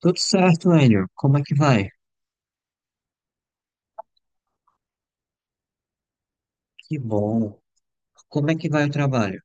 Tudo certo, Hélio. Como é que vai? Que bom. Como é que vai o trabalho?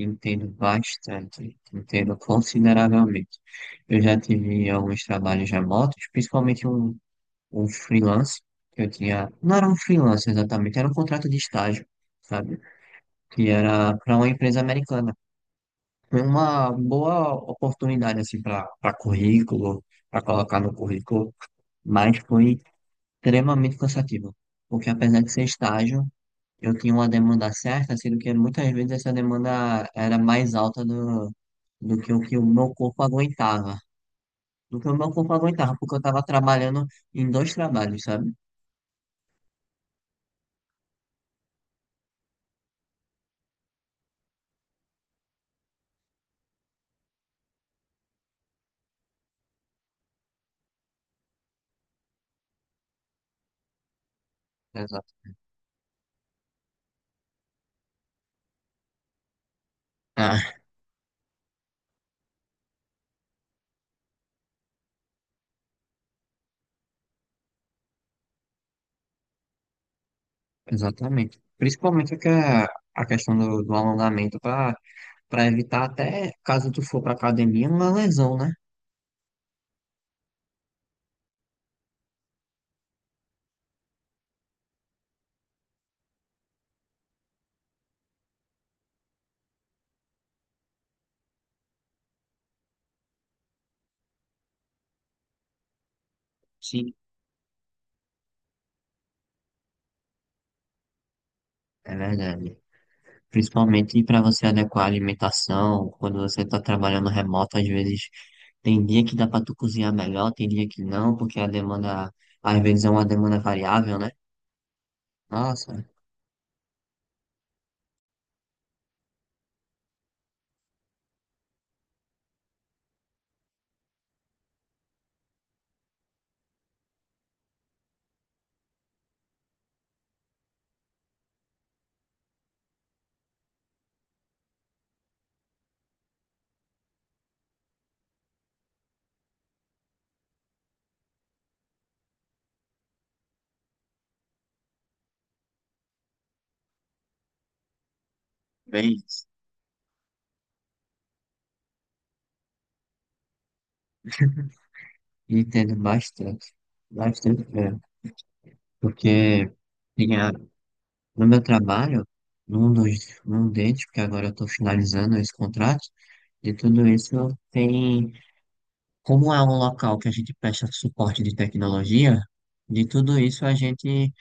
Entendo bastante, entendo consideravelmente. Eu já tive alguns trabalhos remotos, principalmente um freelance que eu tinha. Não era um freelance exatamente, era um contrato de estágio, sabe? Que era para uma empresa americana. Foi uma boa oportunidade, assim, para currículo, para colocar no currículo, mas foi extremamente cansativo, porque apesar de ser estágio, eu tinha uma demanda certa, sendo que muitas vezes essa demanda era mais alta do que o meu corpo aguentava. Do que o meu corpo aguentava, porque eu estava trabalhando em dois trabalhos, sabe? Exato. Ah, exatamente. Principalmente a questão do alongamento para evitar até, caso tu for para academia, uma lesão, né? Sim. É verdade. Principalmente para você adequar a alimentação, quando você está trabalhando remoto, às vezes tem dia que dá para tu cozinhar melhor, tem dia que não, porque a demanda, às vezes é uma demanda variável, né? Nossa, bem, entendo bastante, bastante mesmo, porque tinha, no meu trabalho, num deles, porque agora eu estou finalizando esse contrato, de tudo isso tem, como é um local que a gente presta suporte de tecnologia, de tudo isso a gente.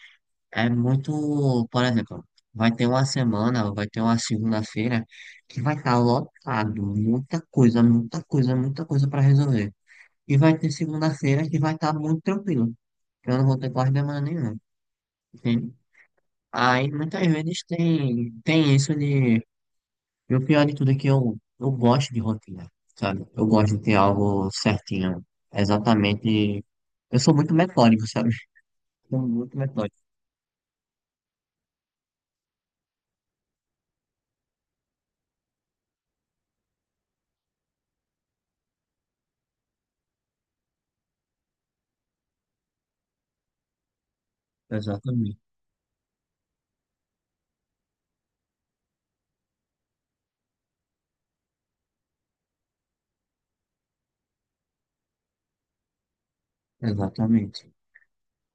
É muito, por exemplo, vai ter uma semana, vai ter uma segunda-feira que vai estar lotado, muita coisa, muita coisa, muita coisa para resolver. E vai ter segunda-feira que vai estar muito tranquilo, que eu não vou ter quase demanda nenhuma, entende? Aí muitas vezes tem isso de. E o pior de tudo é que eu gosto de rotina, sabe? Eu gosto de ter algo certinho, exatamente. Eu sou muito metódico, sabe? Sou muito metódico, exatamente, exatamente.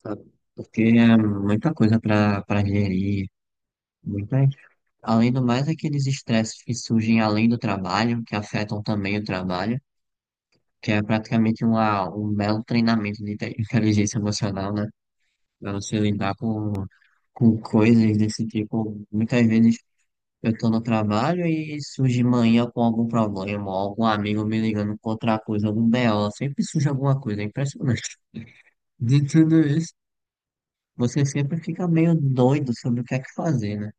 Sabe? Porque é muita coisa para gerir, muitas. Além do mais, aqueles estresses que surgem além do trabalho, que afetam também o trabalho, que é praticamente uma, um belo treinamento de inteligência emocional, né? Para você lidar com coisas desse tipo. Muitas vezes eu estou no trabalho e surge manhã com algum problema, ou algum amigo me ligando com outra coisa, algum BO, sempre surge alguma coisa, é impressionante. De tudo isso você sempre fica meio doido sobre o que é que fazer, né?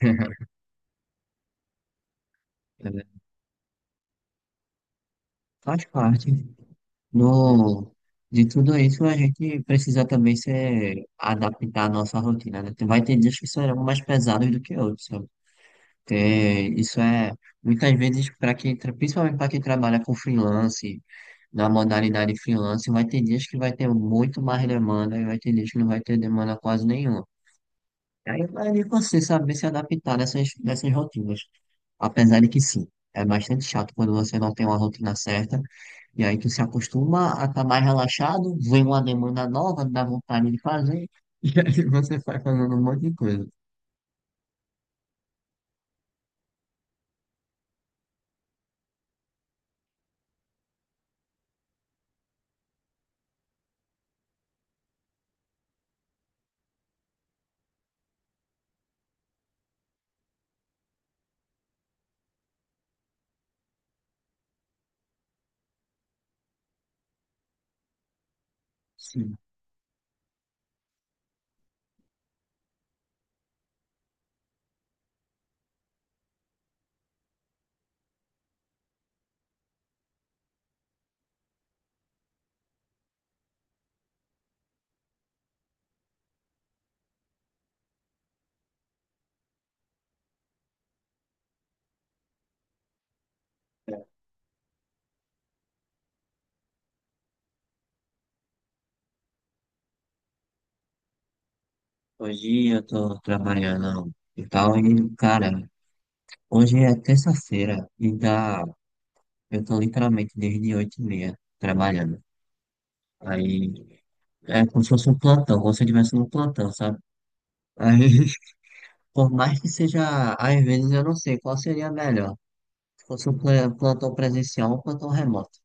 Faz parte do, de tudo isso, a gente precisa também se adaptar à nossa rotina, né? Vai ter dias que serão mais pesados do que outros, sabe? Isso é, muitas vezes, para quem, principalmente para quem trabalha com freelance, na modalidade freelance, vai ter dias que vai ter muito mais demanda e vai ter dias que não vai ter demanda quase nenhuma. E aí vai de você saber se adaptar nessas, nessas rotinas. Apesar de que sim, é bastante chato quando você não tem uma rotina certa. E aí tu se acostuma a estar mais relaxado, vem uma demanda nova, dá vontade de fazer, e aí você vai fazendo um monte de coisa. Sim. Hoje eu tô trabalhando e tal, e cara, hoje é terça-feira e dá, eu tô literalmente desde oito e meia trabalhando. Aí é como se fosse um plantão, como se eu estivesse num plantão, sabe? Aí por mais que seja, às vezes eu não sei qual seria melhor. Se fosse um plantão presencial ou um plantão remoto.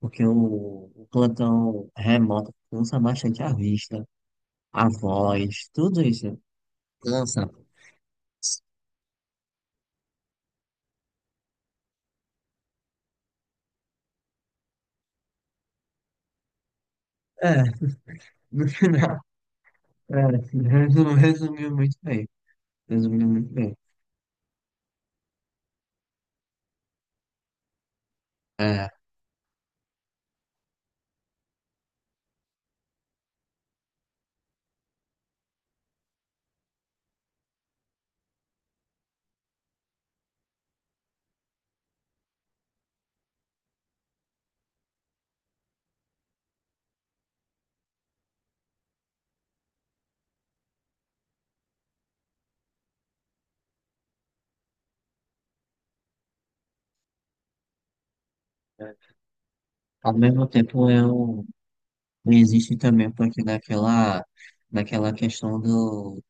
Porque o plantão remoto cansa bastante a vista, a voz, tudo isso cansa. É, no final, é, resumiu muito bem. Resumiu muito bem. É, ao mesmo tempo eu existe também um pouquinho daquela, daquela questão do.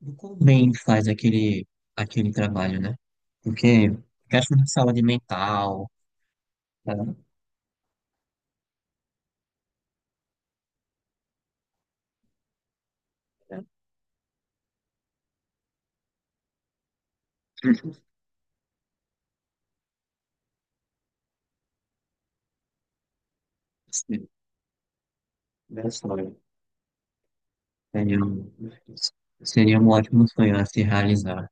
O quão bem faz aquele, aquele trabalho, né? Porque questão de saúde mental, tá? Seria sonho. Seria seria um ótimo sonho a se realizar.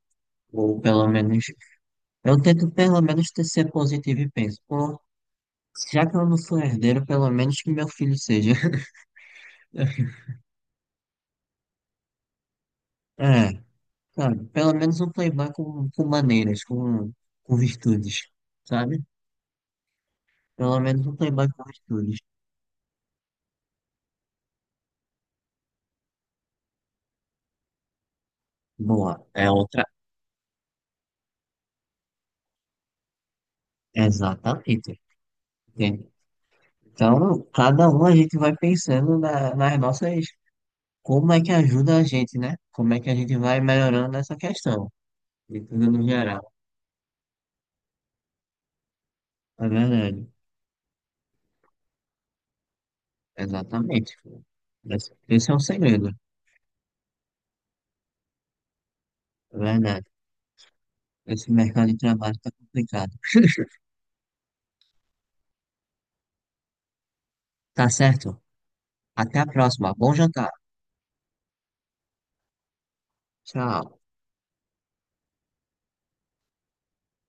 Ou pelo menos, eu tento pelo menos ser positivo e penso, pô, já que eu não sou herdeiro, pelo menos que meu filho seja. É, sabe? Pelo menos um playboy com maneiras, com virtudes, sabe? Pelo menos um playboy com virtudes. Boa, é outra. Exatamente. Entende? Então, cada um a gente vai pensando nas nossas, como é que ajuda a gente, né? Como é que a gente vai melhorando essa questão, de tudo no geral. É verdade. Exatamente. Esse é um segredo. É verdade. Esse mercado de trabalho tá complicado. Tá certo? Até a próxima. Bom jantar. Tchau.